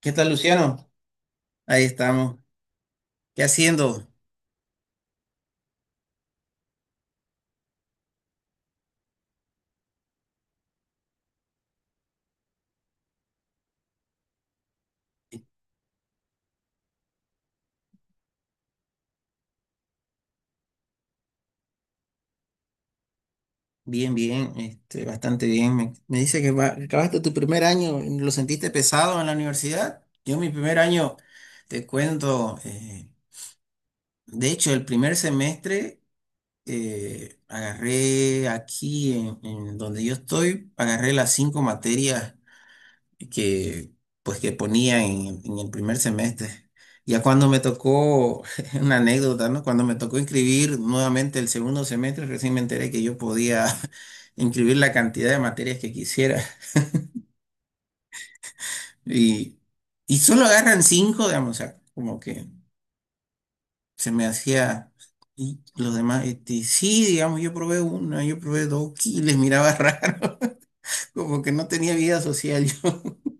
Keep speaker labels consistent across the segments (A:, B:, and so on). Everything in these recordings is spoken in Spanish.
A: ¿Qué tal, Luciano? Ahí estamos. ¿Qué haciendo? Bien, bien, bastante bien. Me dice que que acabaste tu primer año, ¿lo sentiste pesado en la universidad? Yo mi primer año, te cuento, de hecho el primer semestre agarré aquí en donde yo estoy, agarré las cinco materias que pues que ponía en el primer semestre. Ya cuando me tocó, una anécdota, ¿no? Cuando me tocó inscribir nuevamente el segundo semestre, recién me enteré que yo podía inscribir la cantidad de materias que quisiera. Y, y solo agarran cinco, digamos, o sea, como que se me hacía. Y los demás, este, sí, digamos, yo probé una, yo probé dos, y les miraba raro, como que no tenía vida social yo.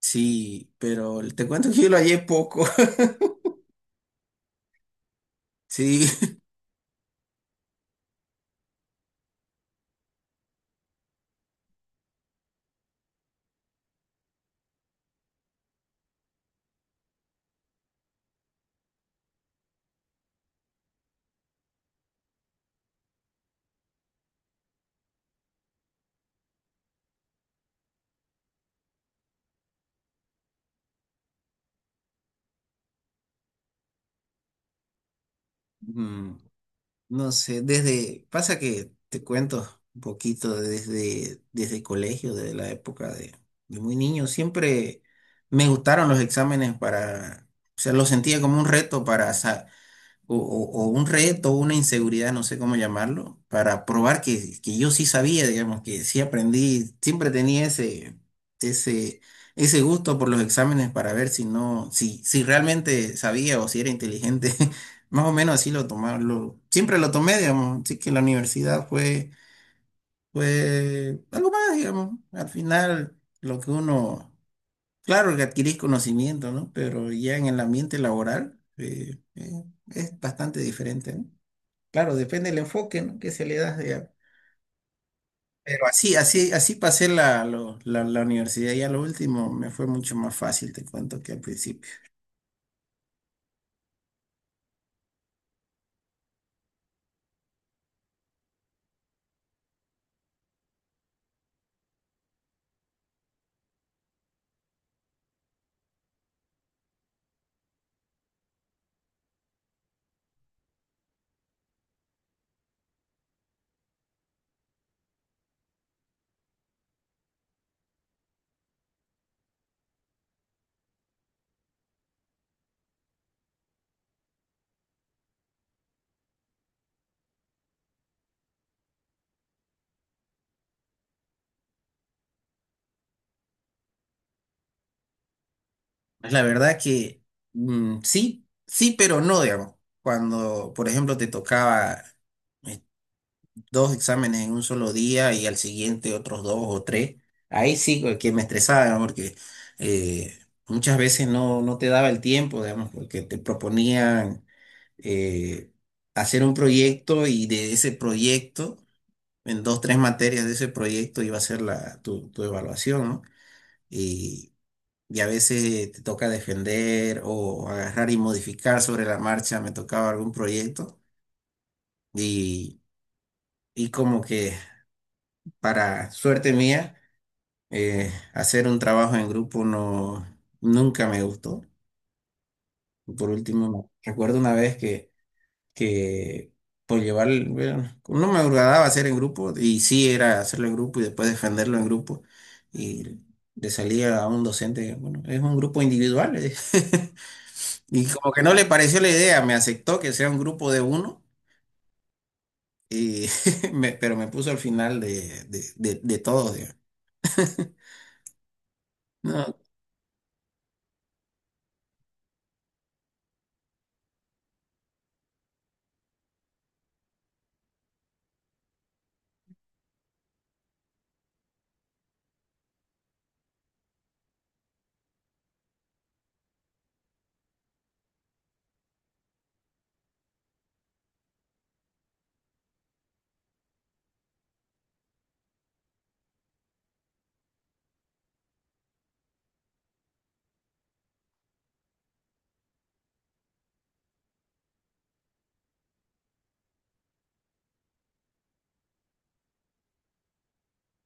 A: Sí, pero te cuento que yo lo hallé poco. Sí, mm, no sé, pasa que te cuento un poquito desde el colegio, desde la época de muy niño, siempre me gustaron los exámenes para, o sea, los sentía como un reto o, o un reto, una inseguridad, no sé cómo llamarlo, para probar que yo sí sabía, digamos, que sí aprendí, siempre tenía ese, ese, ese gusto por los exámenes para ver si no, si realmente sabía o si era inteligente. Más o menos así lo tomarlo. Siempre lo tomé, digamos, así que la universidad fue, fue algo más, digamos. Al final, lo que uno. Claro que adquirís conocimiento, ¿no? Pero ya en el ambiente laboral es bastante diferente, ¿no? Claro, depende del enfoque, ¿no?, que se le da. Ya. Pero así, así, así pasé la, la, la universidad y a lo último me fue mucho más fácil, te cuento, que al principio. Pues la verdad que sí, sí, pero no, digamos. Cuando, por ejemplo, te tocaba dos exámenes en un solo día y al siguiente otros dos o tres. Ahí sí que me estresaba, ¿no? Porque eh, muchas veces no, no te daba el tiempo, digamos, porque te proponían eh, hacer un proyecto y de ese proyecto, en dos, tres materias de ese proyecto iba a ser la, tu evaluación, ¿no? Y, y a veces te toca defender o agarrar y modificar sobre la marcha, me tocaba algún proyecto y, y como que para suerte mía, hacer un trabajo en grupo no, nunca me gustó. Por último, recuerdo una vez que por llevar, bueno, no me agradaba hacer en grupo, y sí era hacerlo en grupo y después defenderlo en grupo, y le salía a un docente, bueno, es un grupo individual, le dije. Y como que no le pareció la idea, me aceptó que sea un grupo de uno, y pero me puso al final de todos, digamos. No,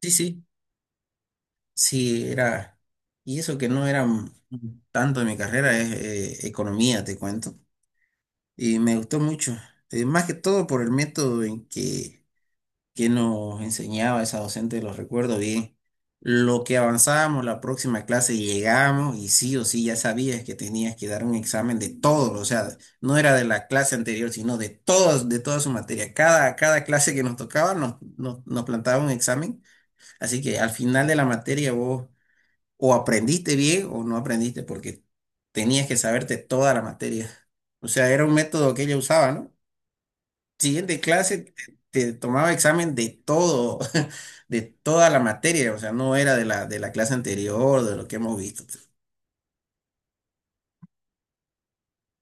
A: sí, sí. Sí, era, y eso que no era tanto de mi carrera, es economía, te cuento. Y me gustó mucho, más que todo por el método que nos enseñaba esa docente, lo recuerdo bien. Lo que avanzábamos, la próxima clase llegamos y sí o sí ya sabías que tenías que dar un examen de todo, o sea, no era de la clase anterior, sino de todas, de toda su materia. Cada, cada clase que nos tocaba nos plantaba un examen, así que al final de la materia vos o aprendiste bien o no aprendiste porque tenías que saberte toda la materia. O sea, era un método que ella usaba, ¿no? Siguiente clase te, te tomaba examen de todo, de toda la materia, o sea, no era de la clase anterior, de lo que hemos visto.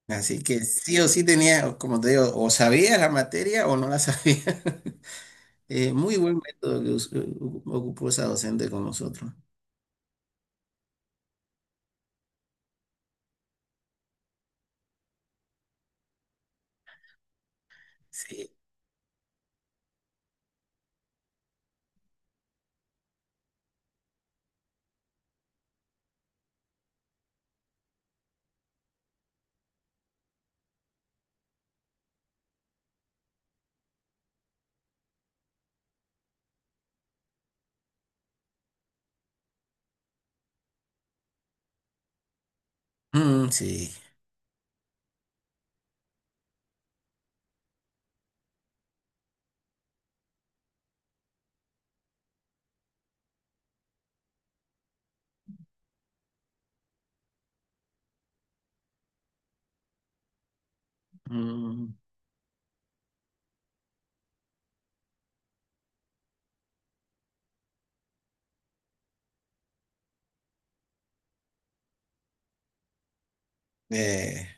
A: Así que sí o sí tenía, como te digo, o sabías la materia o no la sabías. Muy buen método que ocupó esa docente con nosotros. Sí. Mm, sí. Mm. Eh,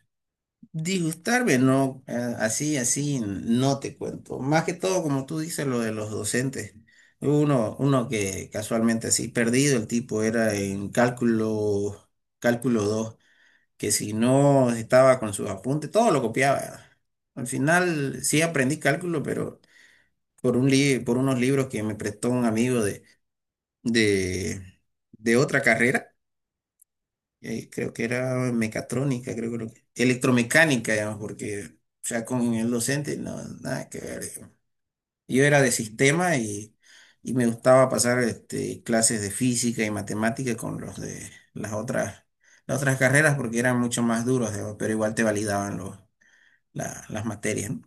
A: disgustarme, no, así, así, no te cuento. Más que todo, como tú dices, lo de los docentes. Uno, uno que casualmente así, perdido el tipo, era en cálculo, cálculo 2 que si no estaba con sus apuntes, todo lo copiaba. Al final sí aprendí cálculo, pero por un por unos libros que me prestó un amigo de, de otra carrera, creo que era mecatrónica, creo que electromecánica, digamos, porque ya con el docente no, nada que ver, digamos. Yo era de sistema y me gustaba pasar este, clases de física y matemática con los de las otras carreras porque eran mucho más duros, digamos, pero igual te validaban los, las materias, ¿no?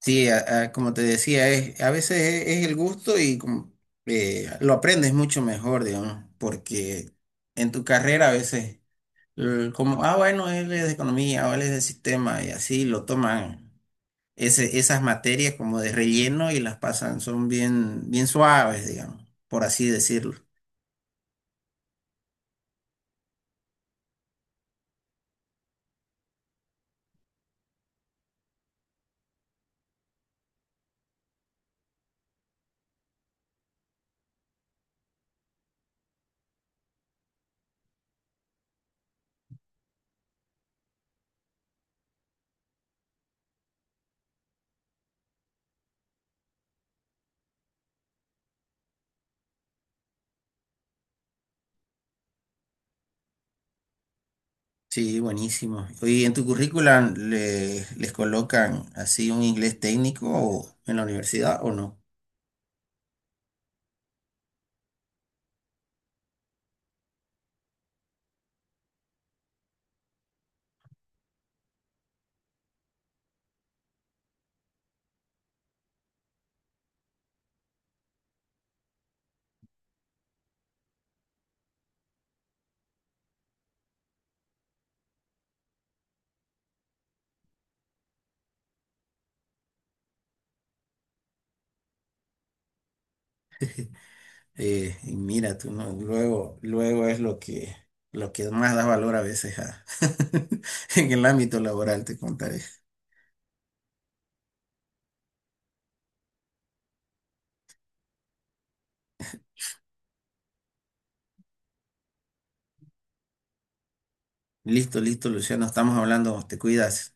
A: Sí, como te decía, es, a veces es el gusto y como, lo aprendes mucho mejor, digamos, porque en tu carrera a veces como, ah, bueno, él es de economía o él es de sistema y así lo toman ese, esas materias como de relleno y las pasan, son bien, bien suaves, digamos, por así decirlo. Sí, buenísimo. ¿Y en tu currículum les colocan así un inglés técnico o en la universidad o no? Y mira, tú no, luego, luego es lo que más da valor a veces en el ámbito laboral, te contaré. Listo, listo, Luciano, estamos hablando, te cuidas.